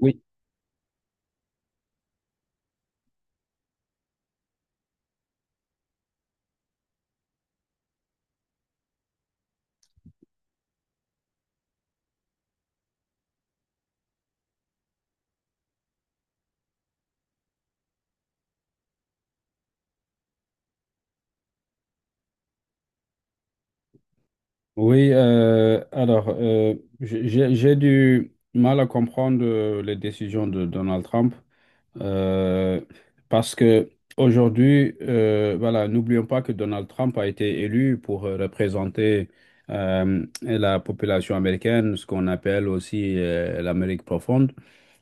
Oui, oui. J'ai du mal à comprendre les décisions de Donald Trump, euh, parce que aujourd'hui, voilà, n'oublions pas que Donald Trump a été élu pour représenter la population américaine, ce qu'on appelle aussi l'Amérique profonde.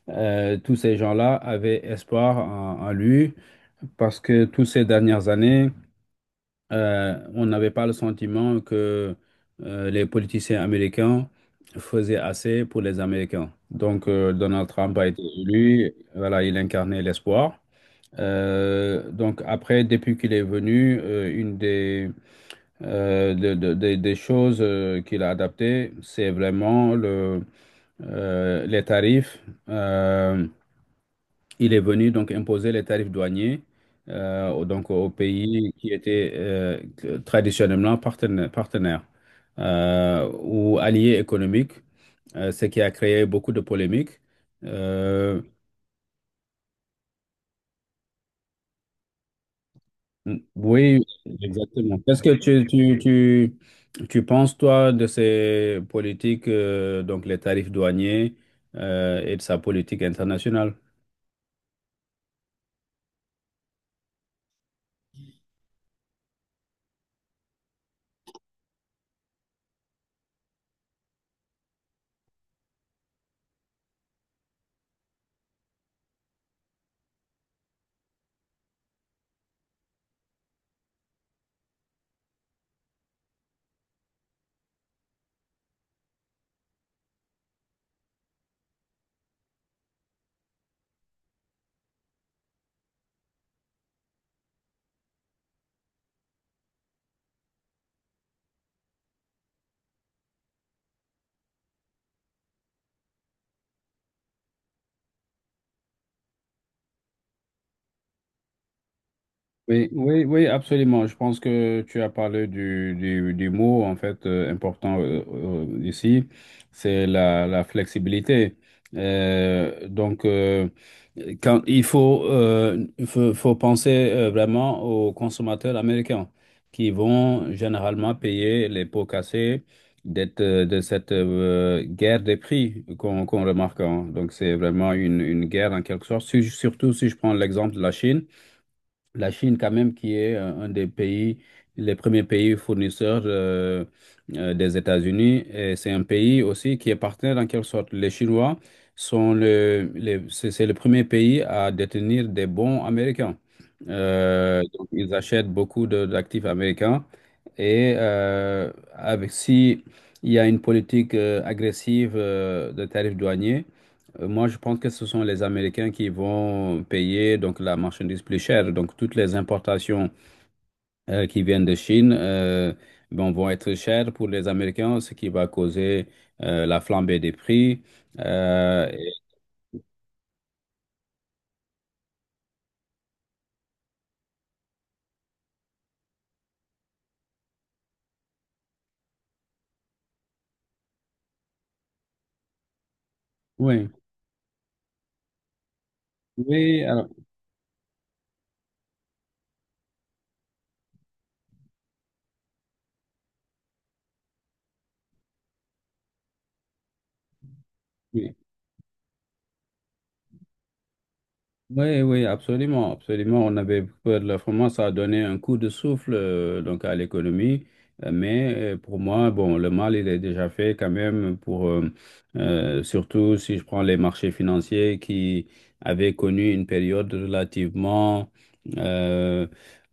Tous ces gens-là avaient espoir en en lui parce que toutes ces dernières années, on n'avait pas le sentiment que les politiciens américains faisaient assez pour les Américains. Donc, Donald Trump a été élu, voilà, il incarnait l'espoir. Donc après, depuis qu'il est venu, une des, de- des choses qu'il a adaptées, c'est vraiment les tarifs. Euh, il est venu donc imposer les tarifs douaniers, donc aux pays qui étaient traditionnellement partenaires, ou alliés économiques, ce qui a créé beaucoup de polémiques. Euh, oui, exactement. Qu'est-ce que tu penses, toi, de ces politiques, donc les tarifs douaniers et de sa politique internationale? Oui, oui, oui, absolument. Je pense que tu as parlé du mot, en fait, important ici, c'est la flexibilité. Euh, donc, euh, quand il faut penser vraiment aux consommateurs américains qui vont généralement payer les pots cassés d'être, de cette guerre des prix qu'on remarque, hein. Donc, c'est vraiment une guerre en quelque sorte. Surtout si je prends l'exemple de la Chine. La Chine, quand même, qui est un des pays, les premiers pays fournisseurs des États-Unis. Et c'est un pays aussi qui est partenaire en quelque sorte. Les Chinois c'est le premier pays à détenir des bons américains. Donc, ils achètent beaucoup d'actifs américains. Et avec, si il y a une politique agressive de tarifs douaniers, moi, je pense que ce sont les Américains qui vont payer donc la marchandise plus chère. Donc, toutes les importations qui viennent de Chine, bon, vont être chères pour les Américains, ce qui va causer la flambée des prix. Euh, et- oui, oui, alors, oui. Oui, oui, absolument, absolument. On avait peur de la France, ça a donné un coup de souffle donc à l'économie. Pour moi, bon, le mal il est déjà fait quand même pour surtout si je prends les marchés financiers qui avaient connu une période relativement euh,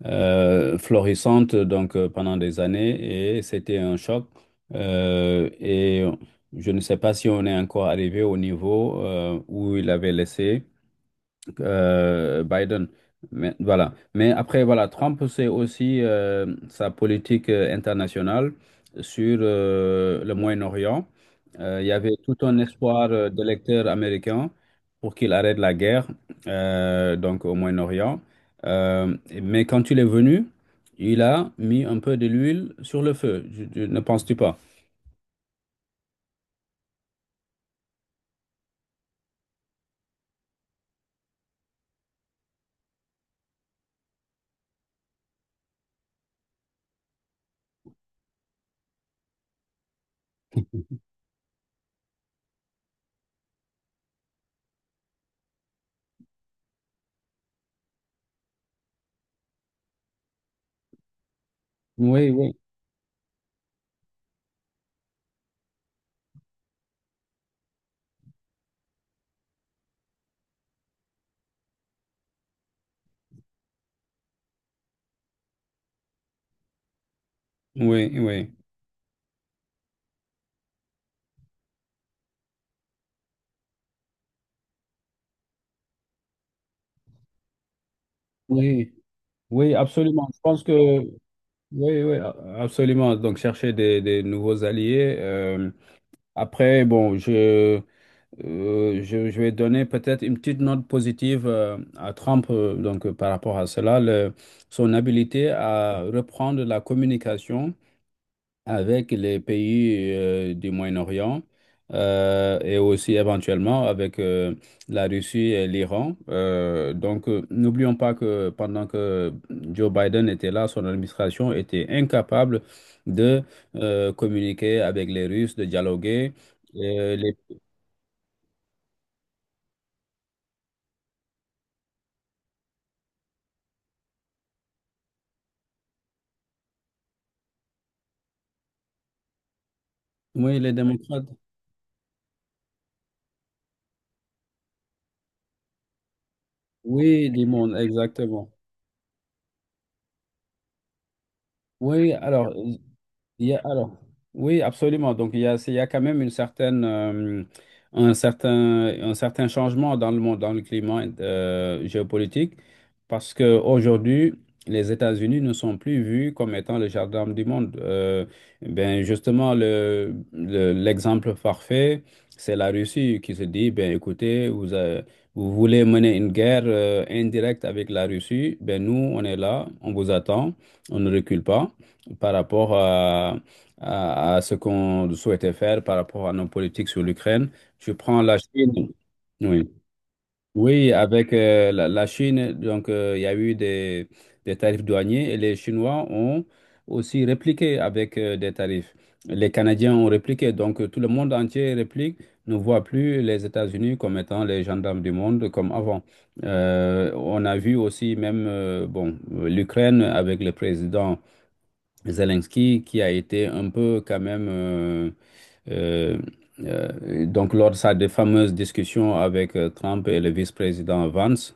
florissante pendant des années, et c'était un choc. Euh, et je ne sais pas si on est encore arrivé au niveau où il avait laissé Biden. Mais, voilà. Mais après, voilà, Trump, c'est aussi sa politique internationale sur le Moyen-Orient. Il y avait tout un espoir d'électeurs américains pour qu'il arrête la guerre, donc au Moyen-Orient. Euh, mais quand il est venu, il a mis un peu de l'huile sur le feu. Ne penses-tu pas? Oui, oui, oui, oui. Oui, oui, absolument. Je pense que Oui, oui, absolument. Donc, chercher des nouveaux alliés. Après, bon, Je vais donner peut-être une petite note positive à Trump, par rapport à cela, son habilité à reprendre la communication avec les pays du Moyen-Orient et aussi éventuellement avec la Russie et l'Iran. N'oublions pas que pendant que Joe Biden était là, son administration était incapable de communiquer avec les Russes, de dialoguer. Euh, les, oui, les démocrates. Oui, du monde, exactement. Oui, alors. Il y a- alors, oui, absolument. Donc, il y a quand même une certaine, un certain, un certain changement dans le monde, dans le climat géopolitique, parce qu'aujourd'hui, les États-Unis ne sont plus vus comme étant le jardin du monde. Ben, justement, l'exemple parfait, c'est la Russie qui se dit: ben, écoutez, vous, vous voulez mener une guerre indirecte avec la Russie, ben, nous, on est là, on vous attend, on ne recule pas par rapport à ce qu'on souhaitait faire, par rapport à nos politiques sur l'Ukraine. Tu prends la Chine. Oui, oui, avec la Chine, il y a eu des tarifs douaniers et les Chinois ont aussi répliqué avec des tarifs. Les Canadiens ont répliqué, tout le monde entier réplique, ne voit plus les États-Unis comme étant les gendarmes du monde comme avant. On a vu aussi même bon, l'Ukraine avec le président Zelensky qui a été un peu quand même, euh, lors de sa de fameuse discussion avec Trump et le vice-président Vance,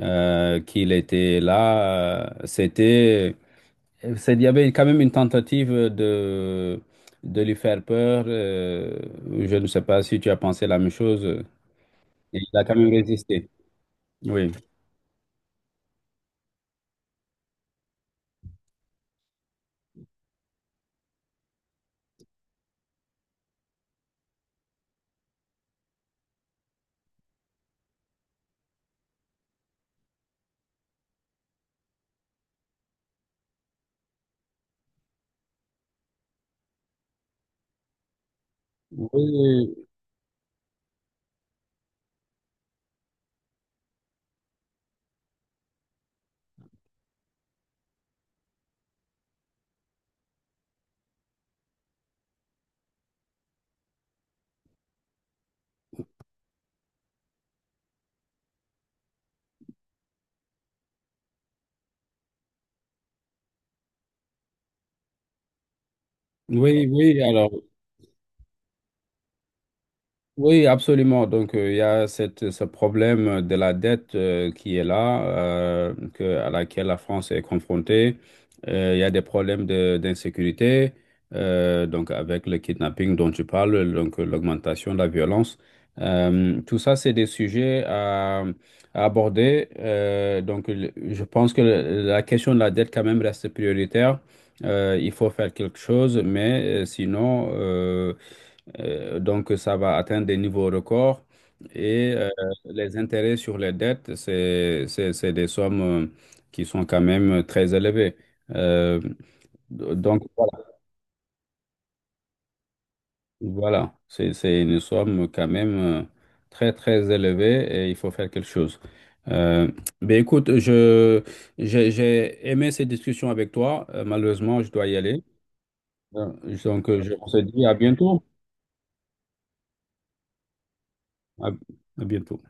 qu'il était là, il y avait quand même une tentative de lui faire peur. Je ne sais pas si tu as pensé la même chose, et il a quand même résisté. Oui, oui, oui, oui, alors. Oui, absolument. Donc, il y a cette, ce problème de la dette qui est là, à laquelle la France est confrontée. Il y a des problèmes d'insécurité, donc avec le kidnapping dont tu parles, l'augmentation de la violence. Tout ça, c'est des sujets à aborder. Je pense que la question de la dette quand même reste prioritaire. Il faut faire quelque chose, sinon, ça va atteindre des niveaux records. Et euh, les intérêts sur les dettes, c'est des sommes qui sont quand même très élevées. Euh, voilà, voilà. C'est une somme quand même très, très élevée et il faut faire quelque chose. Euh, ben écoute, j'ai aimé ces discussions avec toi. Malheureusement, je dois y aller. Euh, on se dit à bientôt. À à bientôt.